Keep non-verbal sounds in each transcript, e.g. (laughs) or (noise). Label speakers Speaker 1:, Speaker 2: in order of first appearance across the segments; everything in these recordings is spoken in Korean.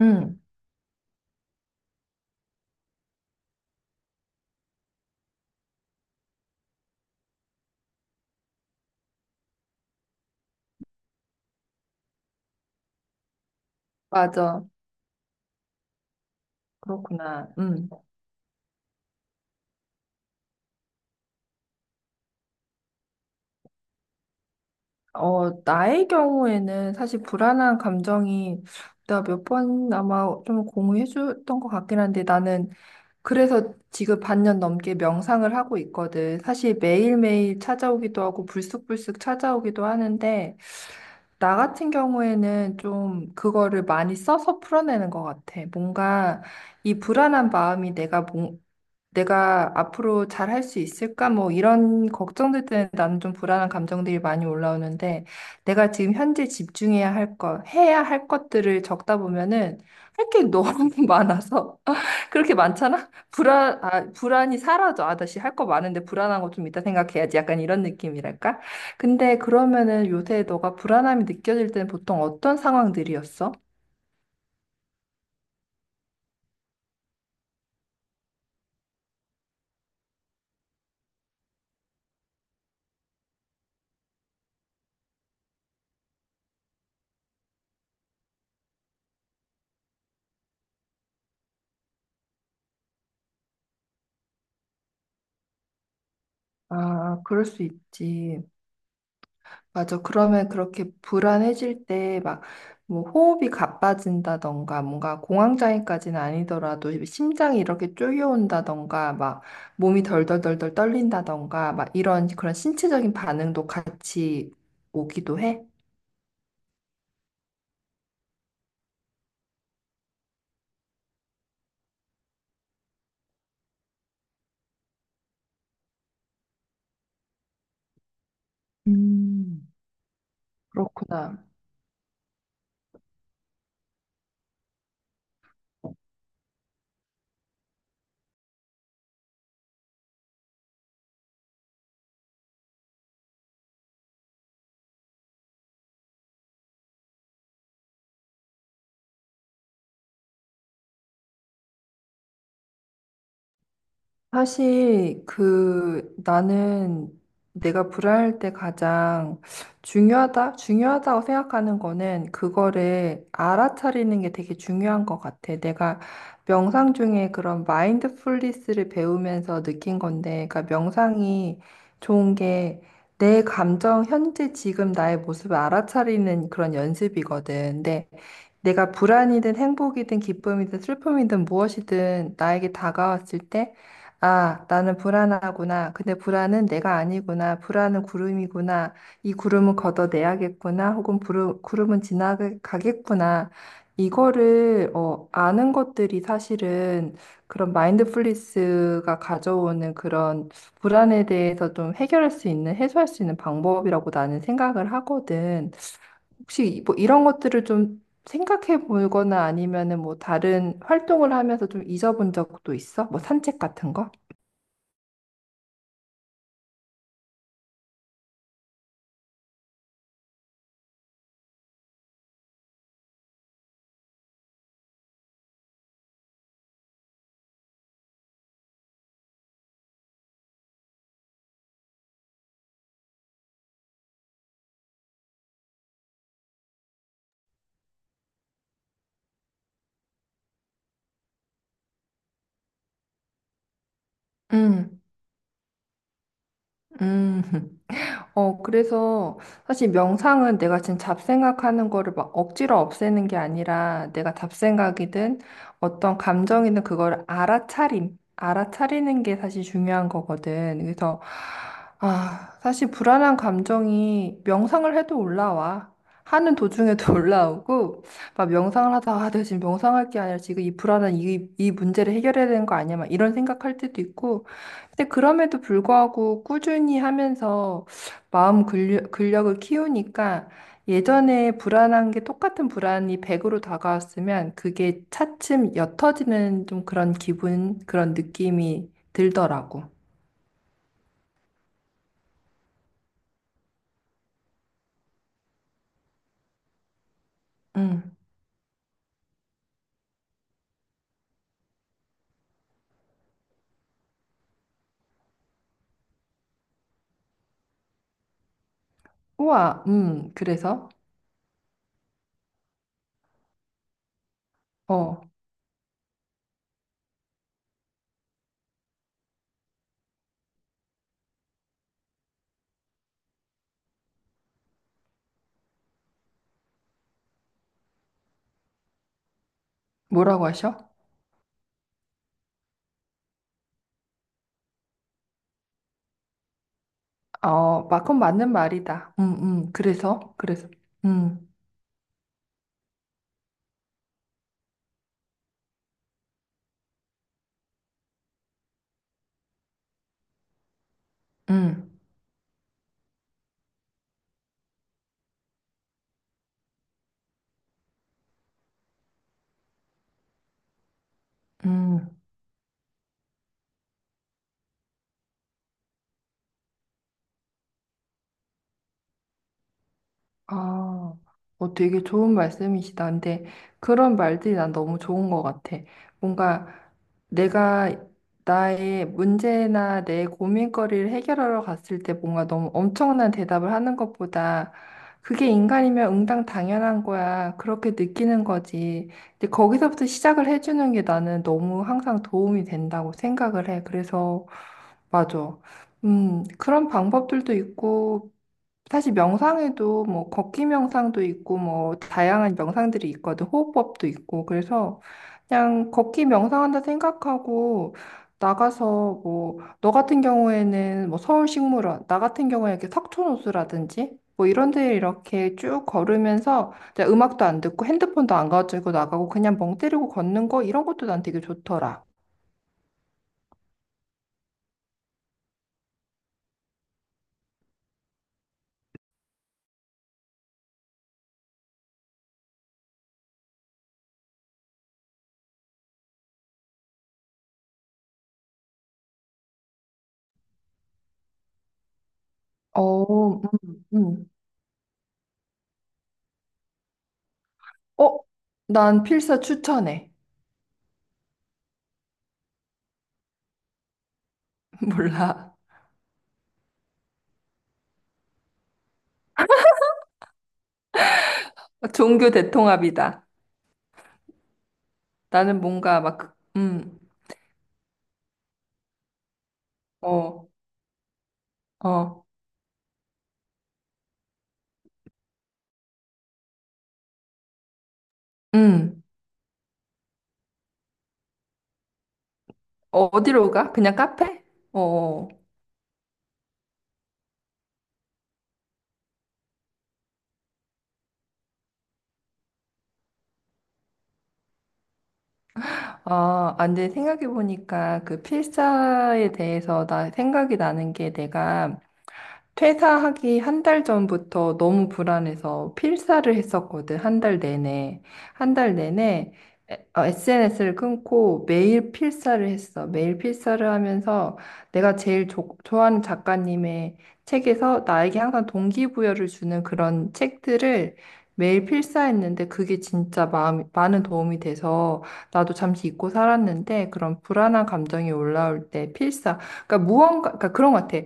Speaker 1: 응 맞아. 그렇구나. 응 나의 경우에는 사실 불안한 감정이 내가 몇 번 아마 좀 공유해 줬던 것 같긴 한데 나는 그래서 지금 반년 넘게 명상을 하고 있거든. 사실 매일매일 찾아오기도 하고 불쑥불쑥 찾아오기도 하는데 나 같은 경우에는 좀 그거를 많이 써서 풀어내는 것 같아. 뭔가 이 불안한 마음이 내가 내가 앞으로 잘 할 수 있을까? 뭐 이런 걱정들 때문에 나는 좀 불안한 감정들이 많이 올라오는데 내가 지금 현재 집중해야 할 것, 해야 할 것들을 적다 보면은 할 게 너무 (laughs) 많아서 (laughs) 그렇게 많잖아? 아, 불안이 사라져. 아, 다시 할 거 많은데 불안한 거 좀 이따 생각해야지. 약간 이런 느낌이랄까? 근데 그러면은 요새 너가 불안함이 느껴질 때는 보통 어떤 상황들이었어? 아, 그럴 수 있지. 맞아. 그러면 그렇게 불안해질 때 막 뭐 호흡이 가빠진다던가 뭔가 공황장애까지는 아니더라도 심장이 이렇게 쪼여온다던가 막 몸이 덜덜덜덜 떨린다던가 막 이런 그런 신체적인 반응도 같이 오기도 해? 음. 그렇구나. 사실 그 나는 내가 불화할 때 가장 중요하다고 생각하는 거는 그거를 알아차리는 게 되게 중요한 것 같아. 내가 명상 중에 그런 마인드풀니스를 배우면서 느낀 건데, 그러니까 명상이 좋은 게 내 감정, 현재 지금 나의 모습을 알아차리는 그런 연습이거든. 근데 내가 불안이든 행복이든 기쁨이든 슬픔이든 무엇이든 나에게 다가왔을 때, 아, 나는 불안하구나. 근데 불안은 내가 아니구나. 불안은 구름이구나. 이 구름은 걷어내야겠구나. 혹은 구름은 지나가겠구나. 이거를 아는 것들이 사실은 그런 마인드풀리스가 가져오는 그런 불안에 대해서 좀 해결할 수 있는, 해소할 수 있는 방법이라고 나는 생각을 하거든. 혹시 뭐 이런 것들을 좀 생각해 보거나 아니면은 뭐 다른 활동을 하면서 좀 잊어본 적도 있어? 뭐 산책 같은 거? 음, 음. 어, 그래서 사실 명상은 내가 지금 잡생각하는 거를 막 억지로 없애는 게 아니라 내가 잡생각이든 어떤 감정이든 그걸 알아차리는 게 사실 중요한 거거든. 그래서, 아, 사실 불안한 감정이 명상을 해도 올라와. 하는 도중에도 (laughs) 올라오고, 막 명상을 하다가, 아, 내가 지금 명상할 게 아니라 지금 이 불안한 이 문제를 해결해야 되는 거 아니야? 막 이런 생각할 때도 있고. 근데 그럼에도 불구하고 꾸준히 하면서 마음 근력을 키우니까 예전에 불안한 게 똑같은 불안이 100으로 다가왔으면 그게 차츰 옅어지는 좀 그런 기분, 그런 느낌이 들더라고. 음. 우와, 그래서? 어, 뭐라고 하셔? 어, 그건 맞는 말이다. 그래서? 그래서? 음, 음, 음. 아, 어, 되게 좋은 말씀이시다. 근데 그런 말들이 난 너무 좋은 것 같아. 뭔가 내가 나의 문제나 내 고민거리를 해결하러 갔을 때 뭔가 너무 엄청난 대답을 하는 것보다 그게 인간이면 응당 당연한 거야. 그렇게 느끼는 거지. 근데 거기서부터 시작을 해주는 게 나는 너무 항상 도움이 된다고 생각을 해. 그래서, 맞아. 그런 방법들도 있고, 사실 명상에도 뭐 걷기 명상도 있고 뭐 다양한 명상들이 있거든. 호흡법도 있고. 그래서 그냥 걷기 명상한다 생각하고 나가서 뭐 너 같은 경우에는 뭐 서울식물원, 나 같은 경우에 이렇게 석촌호수라든지 뭐 이런 데 이렇게 쭉 걸으면서 이제 음악도 안 듣고 핸드폰도 안 가지고 나가고 그냥 멍 때리고 걷는 거 이런 것도 난 되게 좋더라. 어, 음. 어, 난 필사 추천해. (laughs) 몰라. 종교 대통합이다. 나는 뭔가 막, 어, 어, 음, 어, 어디로 가? 그냥 카페? 어, 어. 아, 안 돼. 생각해보니까 그 필사에 대해서 나 생각이 나는 게 내가 퇴사하기 한 달 전부터 너무 불안해서 필사를 했었거든, 한 달 내내. 한 달 내내 SNS를 끊고 매일 필사를 했어. 매일 필사를 하면서 내가 제일 좋아하는 작가님의 책에서 나에게 항상 동기부여를 주는 그런 책들을 매일 필사했는데 그게 진짜 마음, 많은 도움이 돼서 나도 잠시 잊고 살았는데 그런 불안한 감정이 올라올 때 필사. 그러니까 무언가, 그러니까 그런 것 같아.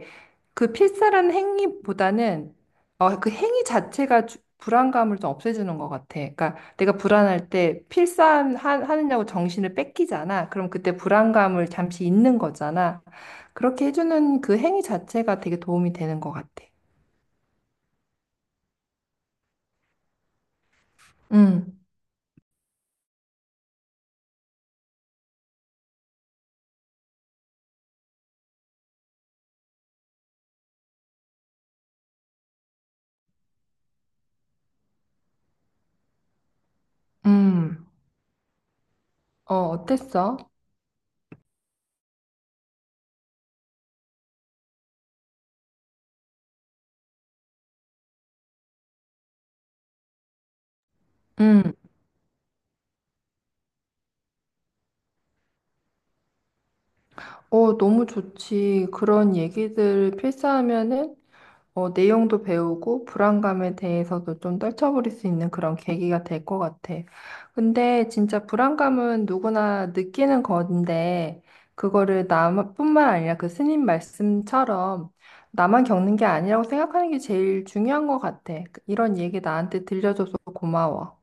Speaker 1: 그 필사라는 행위보다는 어, 그 행위 자체가 불안감을 좀 없애주는 것 같아. 그러니까 내가 불안할 때 필사하느냐고 정신을 뺏기잖아. 그럼 그때 불안감을 잠시 잊는 거잖아. 그렇게 해주는 그 행위 자체가 되게 도움이 되는 것 같아. 음, 음, 어, 어땠어? 음. 어, 너무 좋지. 그런 얘기들 필사하면은 어, 내용도 배우고 불안감에 대해서도 좀 떨쳐버릴 수 있는 그런 계기가 될 것 같아. 근데 진짜 불안감은 누구나 느끼는 건데, 그거를 나뿐만 아니라 그 스님 말씀처럼 나만 겪는 게 아니라고 생각하는 게 제일 중요한 것 같아. 이런 얘기 나한테 들려줘서 고마워.